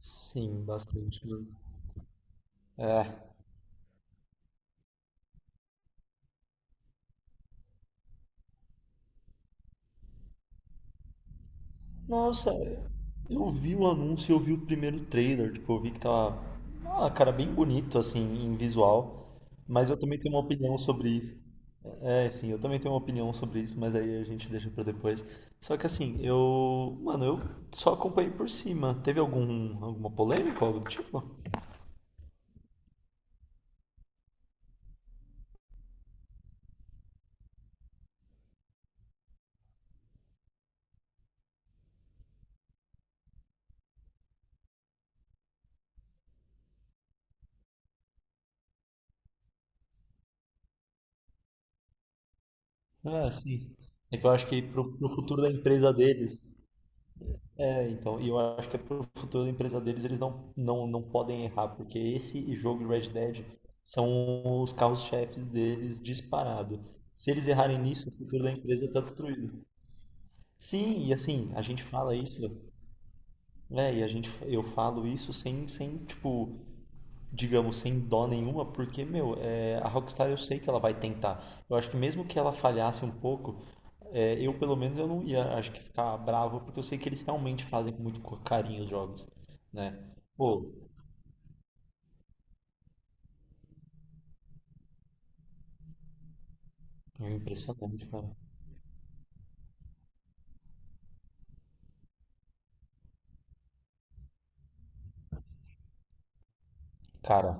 Sim, bastante, né? Nossa, eu vi o anúncio, eu vi o primeiro trailer, tipo, eu vi que tava, cara, bem bonito, assim, em visual, mas eu também tenho uma opinião sobre isso. Eu também tenho uma opinião sobre isso, mas aí a gente deixa pra depois. Só que assim, mano, eu só acompanhei por cima. Teve alguma polêmica, algo do tipo? Ah, sim. É que eu acho que pro futuro da empresa deles. E eu acho que é pro futuro da empresa deles, eles não podem errar, porque esse jogo e Red Dead são os carros-chefes deles disparado. Se eles errarem nisso, o futuro da empresa está destruído. Sim, e assim, a gente fala isso, né, e a gente, eu falo isso sem, sem, tipo, digamos, sem dó nenhuma, porque, meu, a Rockstar eu sei que ela vai tentar. Eu acho que mesmo que ela falhasse um pouco, eu pelo menos eu não ia, acho que ficar bravo, porque eu sei que eles realmente fazem com muito carinho os jogos, né? Pô, é impressionante, cara. Cara,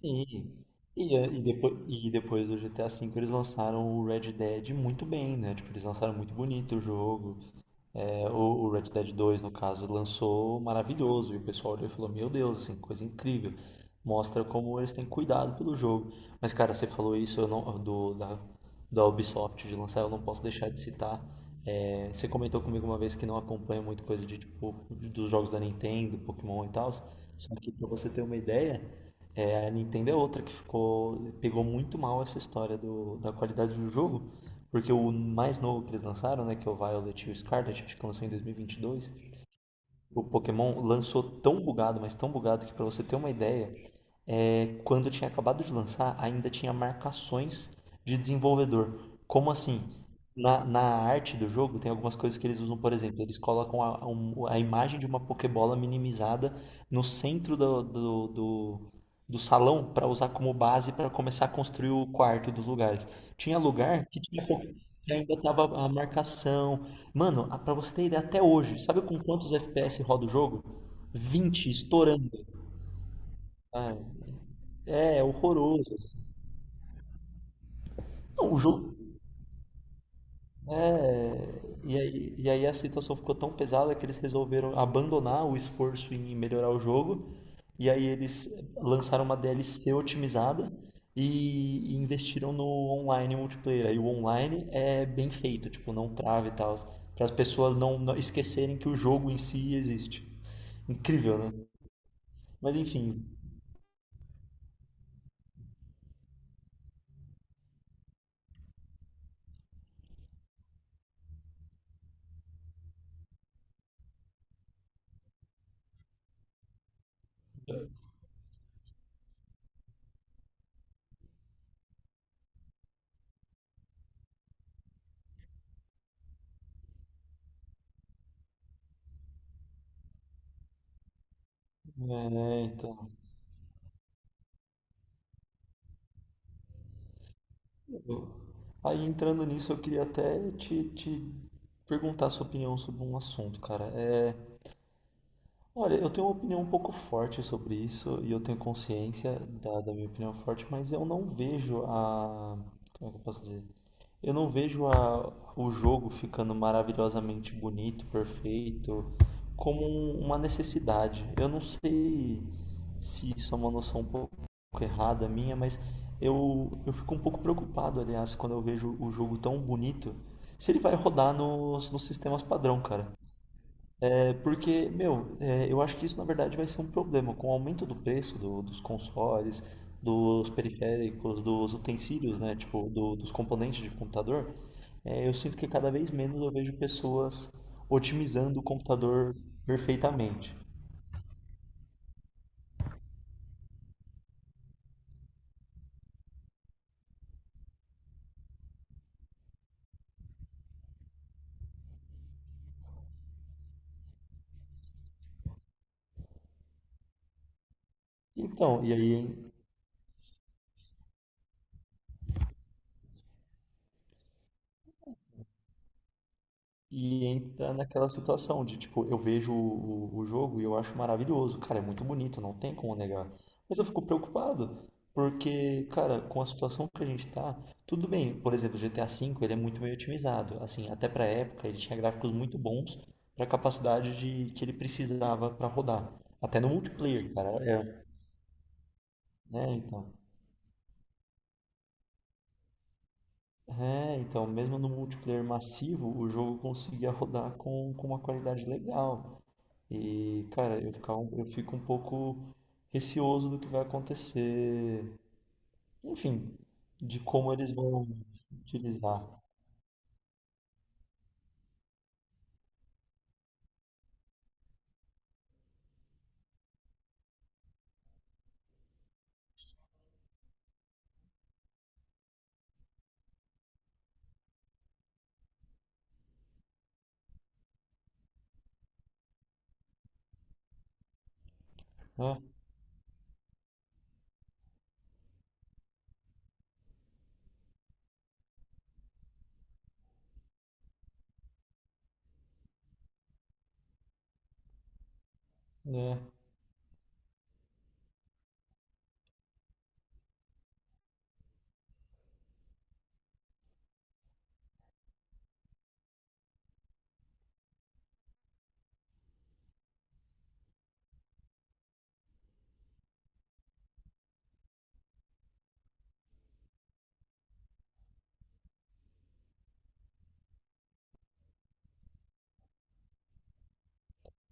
sim. E depois do GTA V eles lançaram o Red Dead muito bem, né? Tipo, eles lançaram muito bonito o jogo. É, o, o Red Dead 2, no caso, lançou maravilhoso. E o pessoal olhou e falou: Meu Deus, assim, coisa incrível. Mostra como eles têm cuidado pelo jogo. Mas, cara, você falou isso eu não, da Ubisoft de lançar, eu não posso deixar de citar. Você comentou comigo uma vez que não acompanha muito coisa de tipo dos jogos da Nintendo, Pokémon e tal. Só que pra você ter uma ideia, a Nintendo é outra que ficou, pegou muito mal essa história da qualidade do jogo, porque o mais novo que eles lançaram, né, que é o Violet e o Scarlet, acho que lançou em 2022, o Pokémon lançou tão bugado, mas tão bugado que pra você ter uma ideia, quando tinha acabado de lançar, ainda tinha marcações de desenvolvedor. Como assim? Na arte do jogo tem algumas coisas que eles usam, por exemplo, eles colocam a imagem de uma Pokébola minimizada no centro do salão para usar como base para começar a construir o quarto dos lugares. Tinha lugar que tinha que ainda tava a marcação. Mano, pra você ter ideia, até hoje, sabe com quantos FPS roda o jogo? 20 estourando. Ah, é, é horroroso, assim. Não, o jogo. É. E aí a situação ficou tão pesada que eles resolveram abandonar o esforço em melhorar o jogo. E aí eles lançaram uma DLC otimizada e investiram no online multiplayer. Aí o online é bem feito, tipo, não trava e tal. Para as pessoas não esquecerem que o jogo em si existe. Incrível, né? Mas enfim, é, então. eu- Aí entrando nisso, eu queria até te perguntar a sua opinião sobre um assunto, cara. Olha, eu tenho uma opinião um pouco forte sobre isso e eu tenho consciência da minha opinião forte, mas eu não vejo a. Como é que eu posso dizer? Eu não vejo o jogo ficando maravilhosamente bonito, perfeito, como uma necessidade. Eu não sei se isso é uma noção um pouco errada minha, mas eu fico um pouco preocupado, aliás, quando eu vejo o jogo tão bonito, se ele vai rodar nos sistemas padrão, cara. É porque, meu, eu acho que isso na verdade vai ser um problema. Com o aumento do preço dos consoles, dos periféricos, dos utensílios, né? Tipo, dos componentes de computador, eu sinto que cada vez menos eu vejo pessoas otimizando o computador perfeitamente. Então, e aí e entra naquela situação de, tipo, eu vejo o jogo e eu acho maravilhoso. Cara, é muito bonito, não tem como negar. Mas eu fico preocupado, porque, cara, com a situação que a gente tá, tudo bem. Por exemplo, o GTA V, ele é muito bem otimizado. Assim, até pra época, ele tinha gráficos muito bons pra capacidade de, que ele precisava pra rodar. Até no multiplayer, cara. Então. É, então, mesmo no multiplayer massivo, o jogo conseguia rodar com uma qualidade legal. E, cara, eu fico um pouco receoso do que vai acontecer. Enfim, de como eles vão utilizar, né? Né?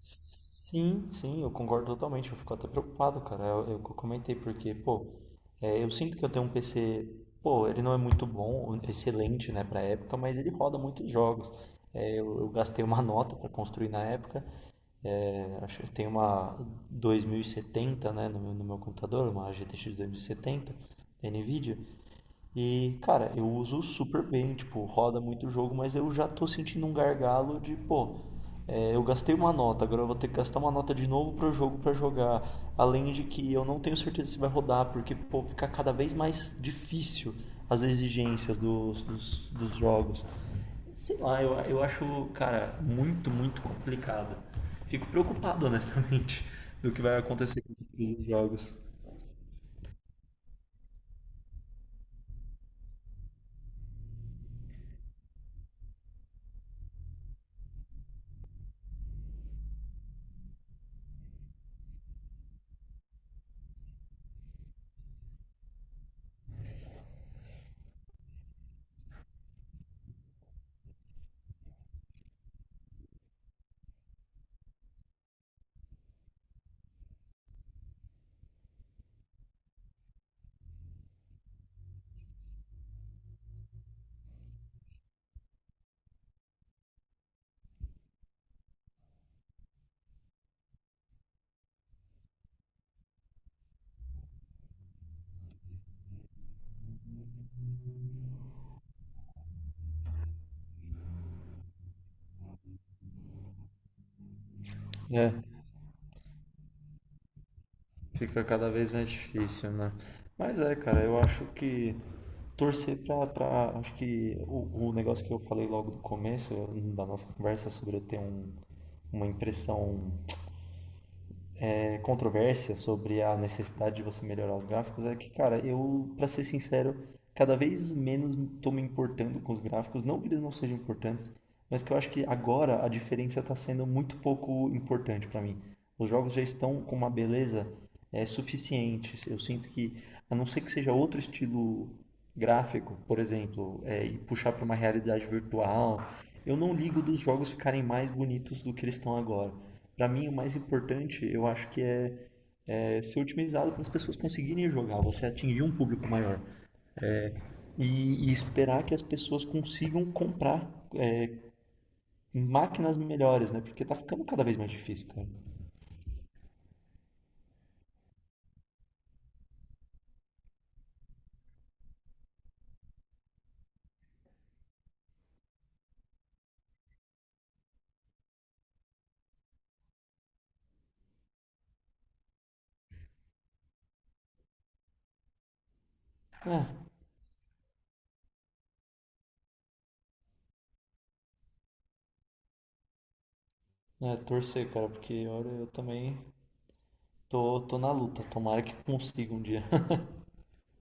Sim, sim, eu concordo totalmente. Eu fico até preocupado, cara. Eu comentei porque, pô, eu sinto que eu tenho um PC, pô, ele não é muito bom, excelente, né, pra época, mas ele roda muitos jogos. Eu gastei uma nota pra construir na época. É, acho que tem uma 2070, né, no meu computador, uma GTX 2070 da Nvidia. E, cara, eu uso super bem, tipo, roda muito o jogo, mas eu já tô sentindo um gargalo de, pô, eu gastei uma nota, agora eu vou ter que gastar uma nota de novo pro jogo pra jogar. Além de que eu não tenho certeza se vai rodar, porque, pô, fica cada vez mais difícil as exigências dos jogos. Sei lá, eu acho, cara, muito complicado. Fico preocupado, honestamente, do que vai acontecer com os jogos. É, fica cada vez mais difícil, né? Mas é, cara, eu acho que torcer pra acho que o negócio que eu falei logo do começo da nossa conversa sobre eu ter um, uma impressão é, controvérsia sobre a necessidade de você melhorar os gráficos é que, cara, eu, pra ser sincero, cada vez menos tô me importando com os gráficos. Não que eles não sejam importantes, mas que eu acho que agora a diferença tá sendo muito pouco importante pra mim. Os jogos já estão com uma beleza suficiente. Eu sinto que, a não ser que seja outro estilo gráfico, por exemplo, e puxar para uma realidade virtual, eu não ligo dos jogos ficarem mais bonitos do que eles estão agora. Para mim, o mais importante, eu acho que é, é ser otimizado para as pessoas conseguirem jogar, você atingir um público maior e esperar que as pessoas consigam comprar máquinas melhores, né? Porque tá ficando cada vez mais difícil, cara. É, é torcer, cara, porque olha, eu também tô na luta. Tomara que consiga um dia.